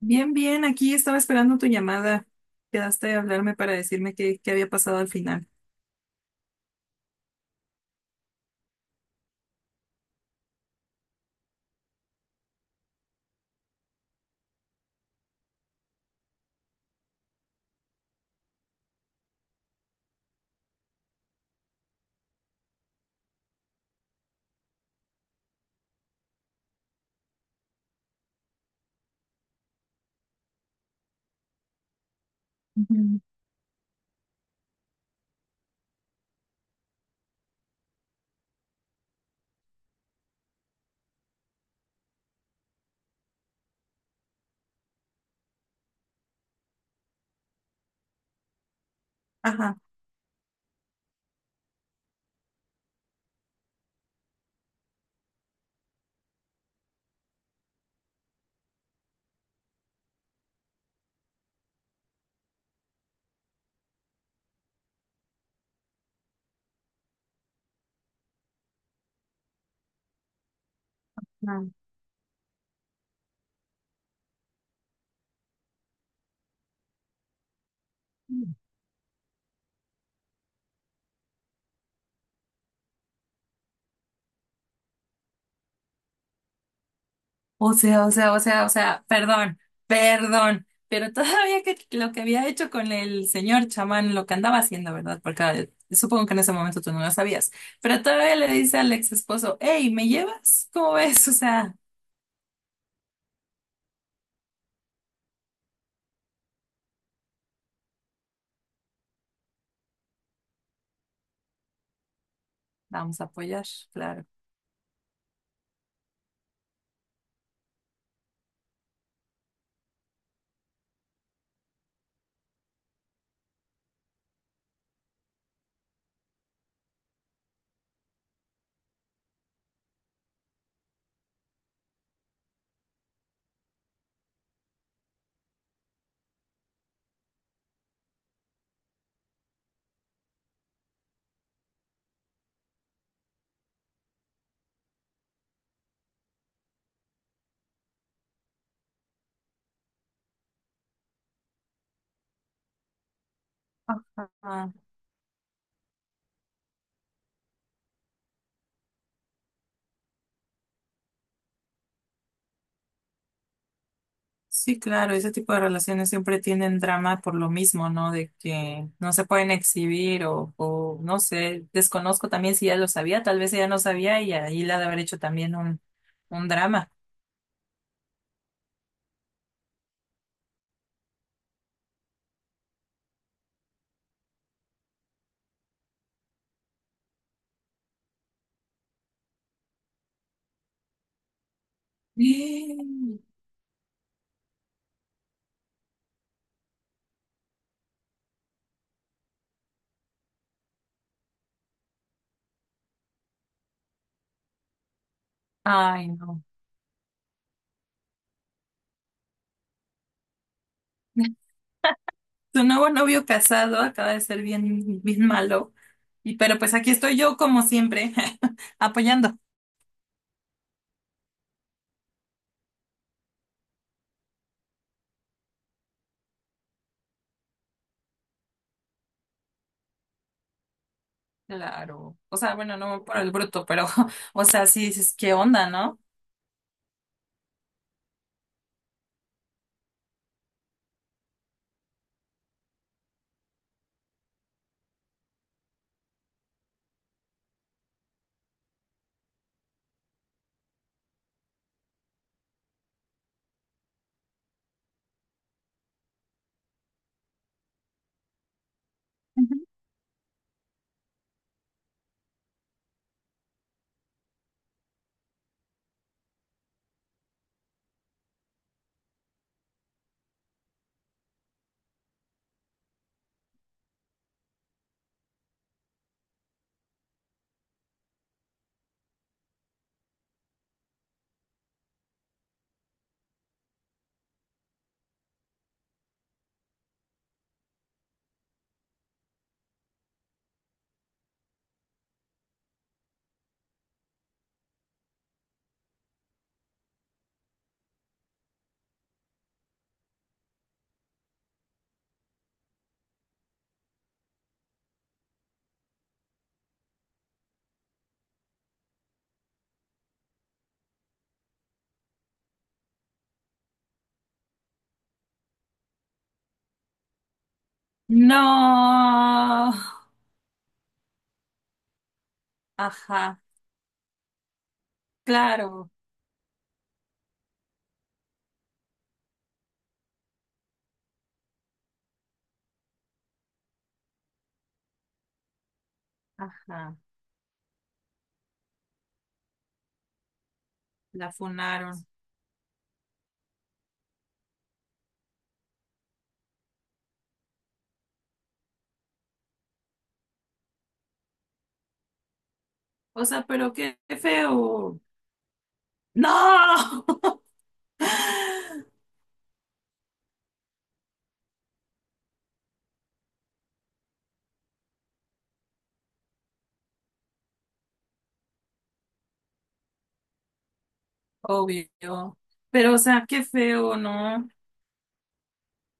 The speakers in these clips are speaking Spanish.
Bien, bien, aquí estaba esperando tu llamada. Quedaste de hablarme para decirme qué había pasado al final. Ujú. Ajá. Ah. O sea, perdón, perdón, pero todavía que lo que había hecho con el señor chamán, lo que andaba haciendo, ¿verdad? Porque supongo que en ese momento tú no lo sabías, pero todavía le dice al ex esposo, hey, ¿me llevas? ¿Cómo ves? O sea, vamos a apoyar, claro. Ajá. Sí, claro, ese tipo de relaciones siempre tienen drama por lo mismo, ¿no? De que no se pueden exhibir o no sé, desconozco también si ella lo sabía, tal vez ella no sabía y ahí la ha de haber hecho también un drama. Ay, no. Tu nuevo novio casado acaba de ser bien, bien malo. Y pero pues aquí estoy yo como siempre, apoyando. Claro. O sea, bueno, no por el bruto, pero o sea, sí dices, ¿qué onda, no? No. Ajá. Claro, ajá, la funaron. O sea, pero qué feo. No, obvio. Pero, o sea, qué feo, ¿no?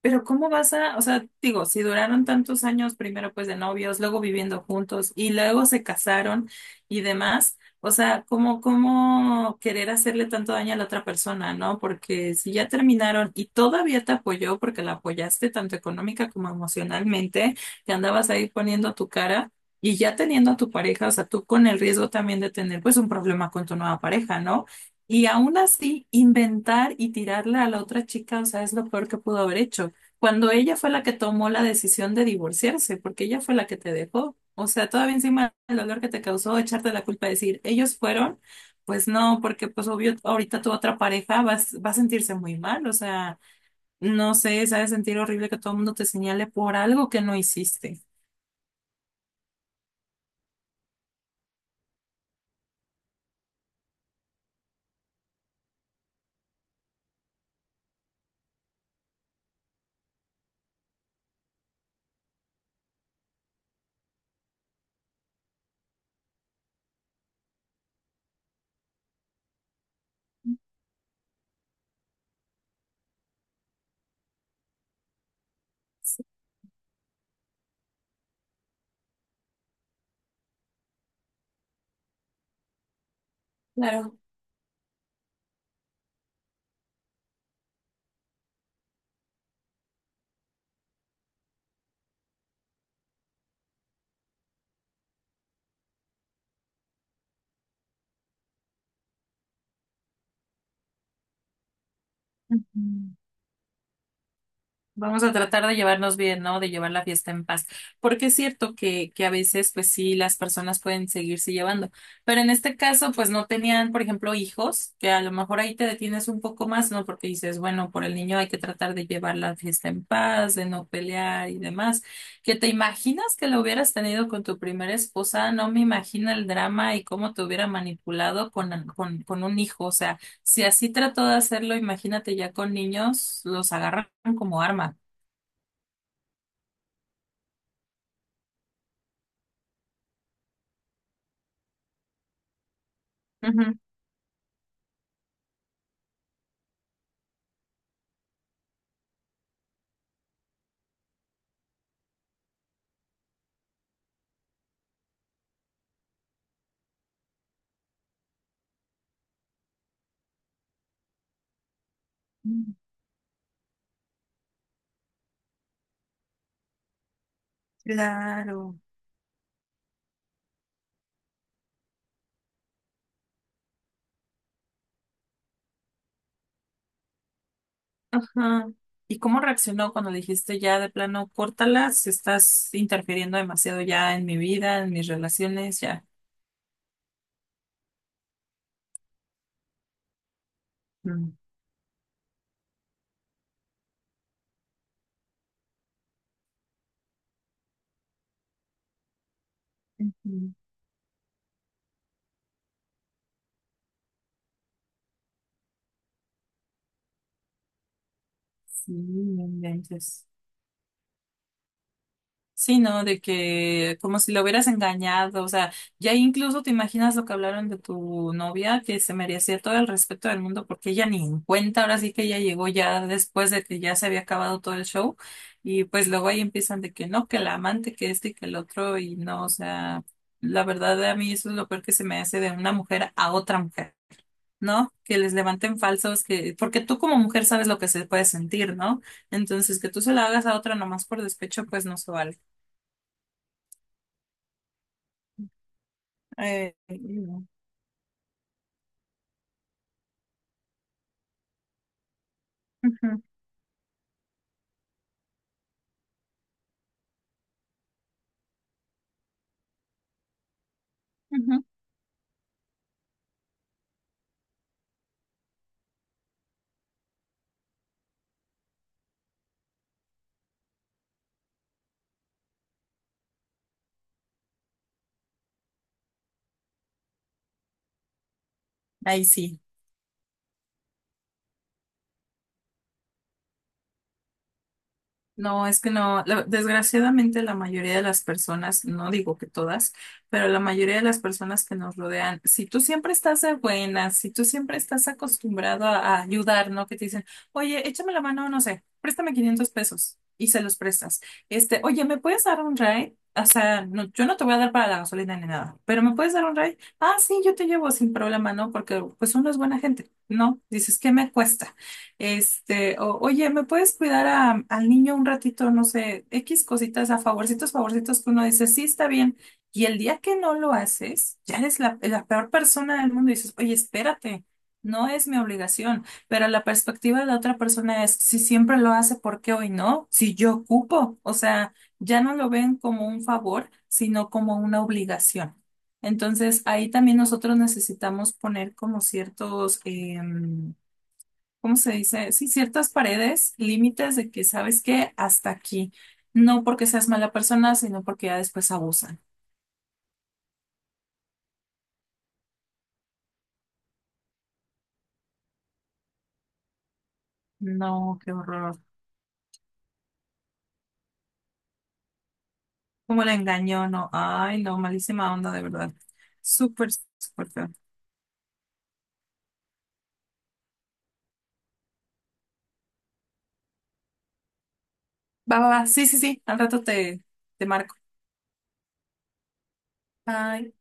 Pero ¿cómo vas a, o sea, digo, si duraron tantos años primero pues de novios, luego viviendo juntos y luego se casaron y demás, o sea, ¿cómo querer hacerle tanto daño a la otra persona, ¿no? Porque si ya terminaron y todavía te apoyó porque la apoyaste tanto económica como emocionalmente, te andabas ahí poniendo tu cara y ya teniendo a tu pareja, o sea, tú con el riesgo también de tener pues un problema con tu nueva pareja, ¿no? Y aún así, inventar y tirarle a la otra chica, o sea, es lo peor que pudo haber hecho cuando ella fue la que tomó la decisión de divorciarse, porque ella fue la que te dejó. O sea, todavía encima el dolor que te causó echarte la culpa, decir, ellos fueron, pues no, porque pues obvio, ahorita tu otra pareja va a sentirse muy mal, o sea, no sé, se ha de sentir horrible que todo el mundo te señale por algo que no hiciste. Claro. Vamos a tratar de llevarnos bien, ¿no? De llevar la fiesta en paz. Porque es cierto que a veces, pues sí, las personas pueden seguirse llevando. Pero en este caso, pues no tenían, por ejemplo, hijos, que a lo mejor ahí te detienes un poco más, ¿no? Porque dices, bueno, por el niño hay que tratar de llevar la fiesta en paz, de no pelear y demás. ¿Que te imaginas que lo hubieras tenido con tu primera esposa? No me imagino el drama y cómo te hubiera manipulado con un hijo. O sea, si así trató de hacerlo, imagínate ya con niños, los agarran como arma. Ujú. Mm. Claro. Ajá. ¿Y cómo reaccionó cuando le dijiste ya de plano, córtala, si estás interfiriendo demasiado ya en mi vida, en mis relaciones, ya? Mm. Ujú. Sí, no inventes. Sí, ¿no? De que como si lo hubieras engañado, o sea, ya incluso te imaginas lo que hablaron de tu novia, que se merecía todo el respeto del mundo porque ella ni en cuenta, ahora sí que ella llegó ya después de que ya se había acabado todo el show y pues luego ahí empiezan de que no, que la amante, que este y que el otro y no, o sea, la verdad a mí eso es lo peor que se me hace de una mujer a otra mujer, ¿no? Que les levanten falsos, que porque tú como mujer sabes lo que se puede sentir, ¿no? Entonces que tú se la hagas a otra nomás por despecho, pues no se vale. No. Ujú, ujú. Ahí sí. No, es que no, la- desgraciadamente la mayoría de las personas, no digo que todas, pero la mayoría de las personas que nos rodean, si tú siempre estás de buenas, si tú siempre estás acostumbrado a ayudar, ¿no? Que te dicen, oye, échame la mano, no sé, préstame 500 pesos y se los prestas. Este, oye, ¿me puedes dar un ride? O sea, no, yo no te voy a dar para la gasolina ni nada, pero ¿me puedes dar un ride? Ah, sí, yo te llevo sin problema, ¿no? Porque pues uno es buena gente. No, dices, ¿qué me cuesta? Este, oye, ¿me puedes cuidar a- al niño un ratito? No sé, X cositas, a favorcitos, favorcitos que uno dice, sí, está bien. Y el día que no lo haces, ya eres la peor persona del mundo y dices, oye, espérate, no es mi obligación. Pero la perspectiva de la otra persona es, si siempre lo hace, ¿por qué hoy no? Si yo ocupo, o sea, ya no lo ven como un favor, sino como una obligación. Entonces, ahí también nosotros necesitamos poner como ciertos ¿cómo se dice? Sí, ciertas paredes, límites de que sabes que hasta aquí. No porque seas mala persona, sino porque ya después abusan. No, qué horror. Cómo la engañó, no. Ay, no, malísima onda, de verdad. Súper, súper feo. Va, va, va. Sí, sí, sí. Al rato te marco. Bye.